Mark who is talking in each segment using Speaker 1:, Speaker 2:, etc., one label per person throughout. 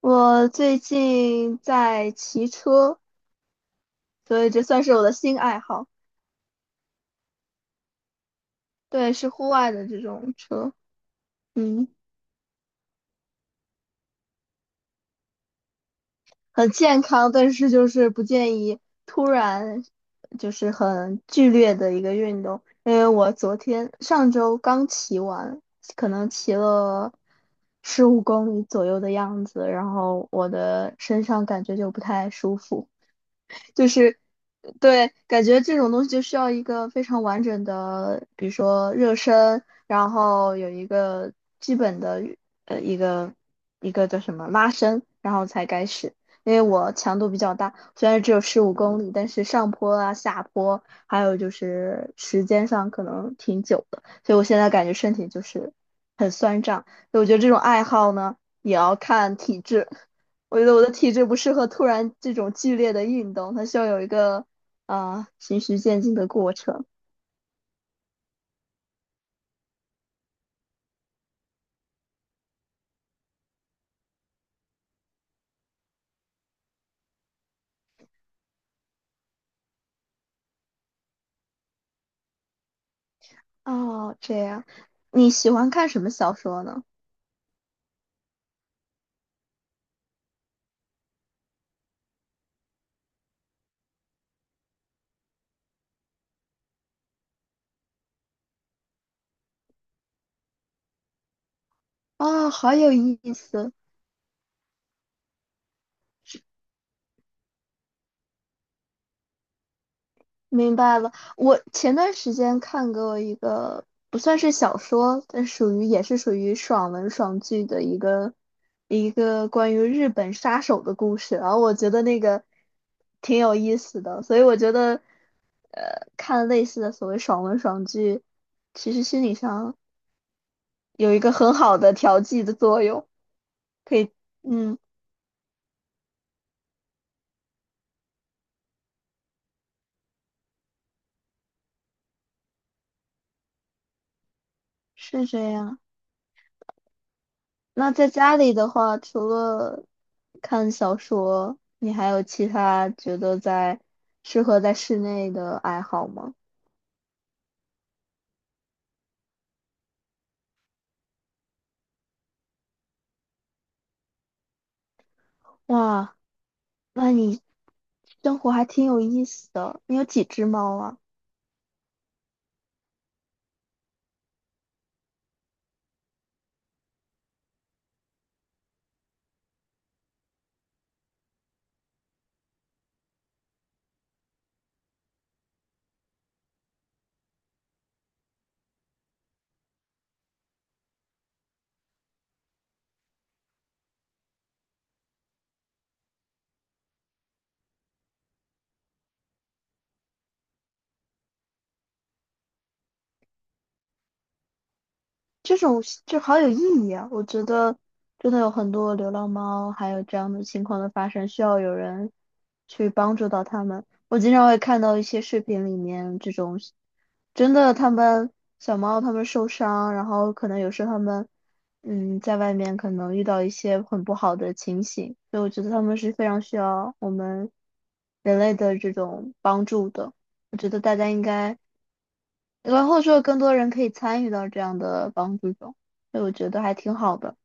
Speaker 1: 我最近在骑车，所以这算是我的新爱好。对，是户外的这种车，嗯，很健康，但是就是不建议突然就是很剧烈的一个运动，因为我昨天上周刚骑完，可能骑了十五公里左右的样子，然后我的身上感觉就不太舒服。就是对，感觉这种东西就需要一个非常完整的，比如说热身，然后有一个基本的呃一个一个叫什么拉伸，然后才开始。因为我强度比较大，虽然只有十五公里，但是上坡啊、下坡，还有就是时间上可能挺久的，所以我现在感觉身体就是很酸胀。所以我觉得这种爱好呢，也要看体质。我觉得我的体质不适合突然这种剧烈的运动，它需要有一个循序渐进的过程。哦，这样，你喜欢看什么小说呢？啊，好有意思。明白了。我前段时间看过一个不算是小说，但也是属于爽文爽剧的一个关于日本杀手的故事，然后我觉得那个挺有意思的，所以我觉得看类似的所谓爽文爽剧，其实心理上有一个很好的调剂的作用。可以，嗯，是这样。那在家里的话，除了看小说，你还有其他觉得适合在室内的爱好吗？哇，那你生活还挺有意思的。你有几只猫啊？这种就好有意义啊！我觉得真的有很多流浪猫，还有这样的情况的发生，需要有人去帮助到他们。我经常会看到一些视频里面这种，真的他们小猫他们受伤，然后可能有时候他们在外面可能遇到一些很不好的情形，所以我觉得他们是非常需要我们人类的这种帮助的。我觉得大家应该然后就更多人可以参与到这样的帮助中，所以我觉得还挺好的。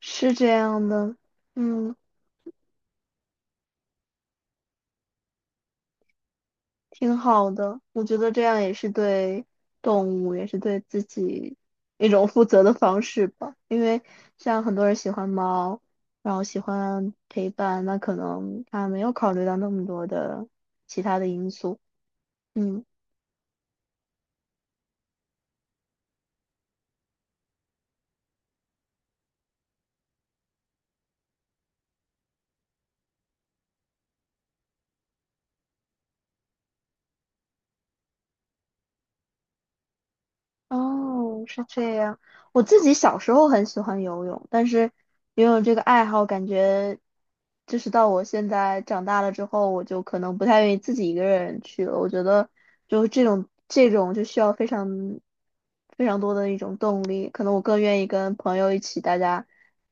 Speaker 1: 是这样的，嗯，挺好的，我觉得这样也是对动物，也是对自己一种负责的方式吧，因为像很多人喜欢猫，然后喜欢陪伴，那可能他没有考虑到那么多的其他的因素，嗯。哦，是这样。我自己小时候很喜欢游泳，但是游泳这个爱好，感觉就是到我现在长大了之后，我就可能不太愿意自己一个人去了。我觉得就是这种就需要非常非常多的一种动力，可能我更愿意跟朋友一起，大家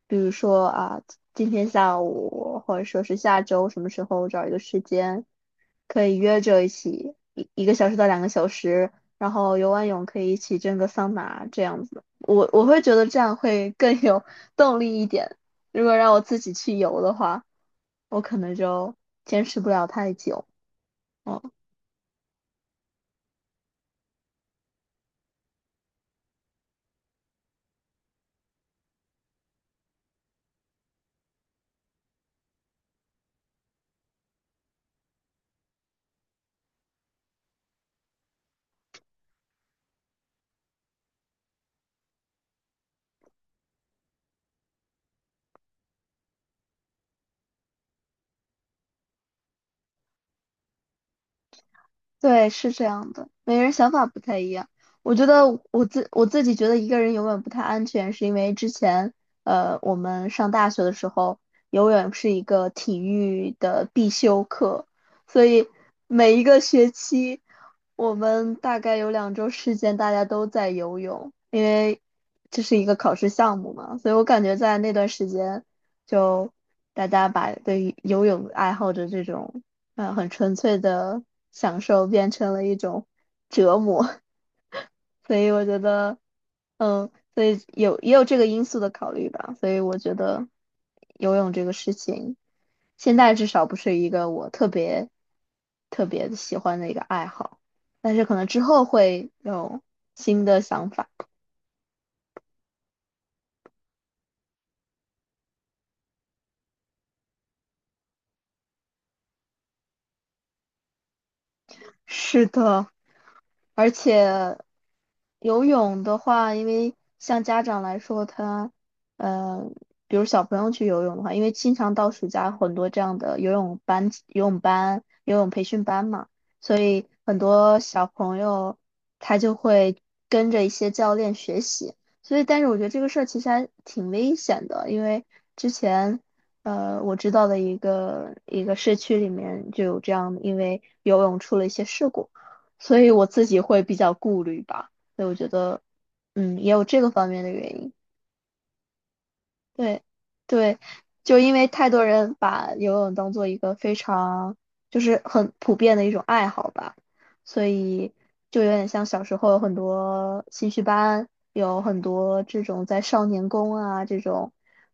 Speaker 1: 比如说啊，今天下午或者说是下周什么时候找一个时间。可以约着一起一个小时到2个小时，然后游完泳可以一起蒸个桑拿这样子。我会觉得这样会更有 动力一点。如果让我自己去游的话，我可能就坚持不了太久。嗯，对，是这样的，每个人想法不太一样。我觉得我自己觉得一个人游泳不太安全，是因为之前我们上大学的时候，游泳是一个体育的必修课，所以每一个学期我们大概有2周时间大家都在游泳，因为这是一个考试项目嘛，所以我感觉在那段时间就大家把对于游泳爱好者这种。嗯，很纯粹的享受变成了一种折磨。所以我觉得，所以也有这个因素的考虑吧，所以我觉得游泳这个事情，现在至少不是一个我特别特别喜欢的一个爱好，但是可能之后会有新的想法。是的。而且游泳的话，因为像家长来说，呃，比如小朋友去游泳的话，因为经常到暑假很多这样的游泳培训班嘛，所以很多小朋友他就会跟着一些教练学习。所以，但是我觉得这个事儿其实还挺危险的，因为之前。我知道的一个社区里面就有这样，因为游泳出了一些事故。所以我自己会比较顾虑吧，所以我觉得，也有这个方面的原因。对，对，就因为太多人把游泳当做一个非常就是很普遍的一种爱好吧，所以就有点像小时候有很多兴趣班，有很多这种在少年宫啊这种，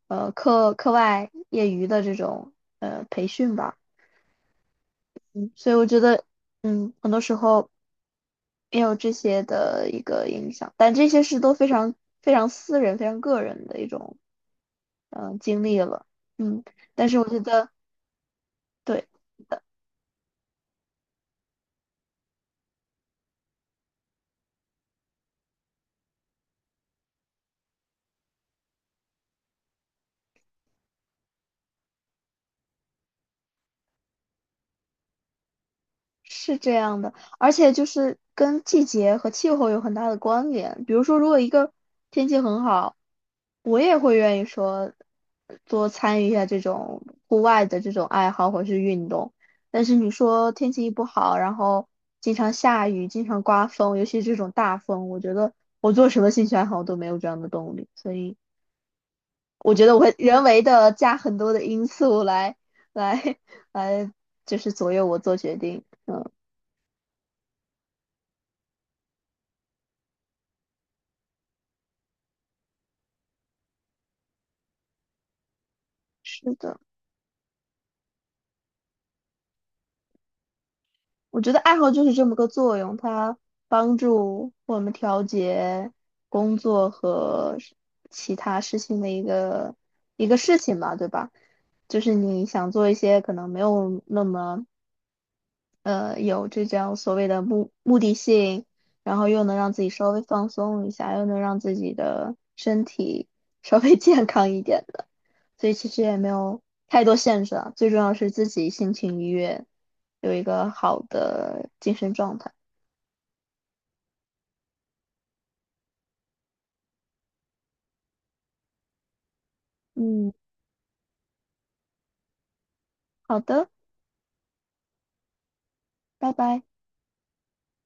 Speaker 1: 课外业余的这种培训吧。所以我觉得，很多时候也有这些的一个影响，但这些是都非常非常私人、非常个人的一种经历了，嗯，但是我觉得对，是这样的。而且就是跟季节和气候有很大的关联。比如说，如果一个天气很好，我也会愿意说多参与一下这种户外的这种爱好或是运动。但是你说天气一不好，然后经常下雨、经常刮风，尤其是这种大风，我觉得我做什么兴趣爱好都没有这样的动力。所以我觉得我会人为的加很多的因素来 来，就是左右我做决定。嗯，是的。我觉得爱好就是这么个作用，它帮助我们调节工作和是其他事情的一个事情吧，对吧？就是你想做一些可能没有那么有这种所谓的目的性，然后又能让自己稍微放松一下，又能让自己的身体稍微 健康一点。所以其实也没有太多限制啊，最重要是自己心情愉悦，有一个好的精神状态。嗯，好的，拜拜。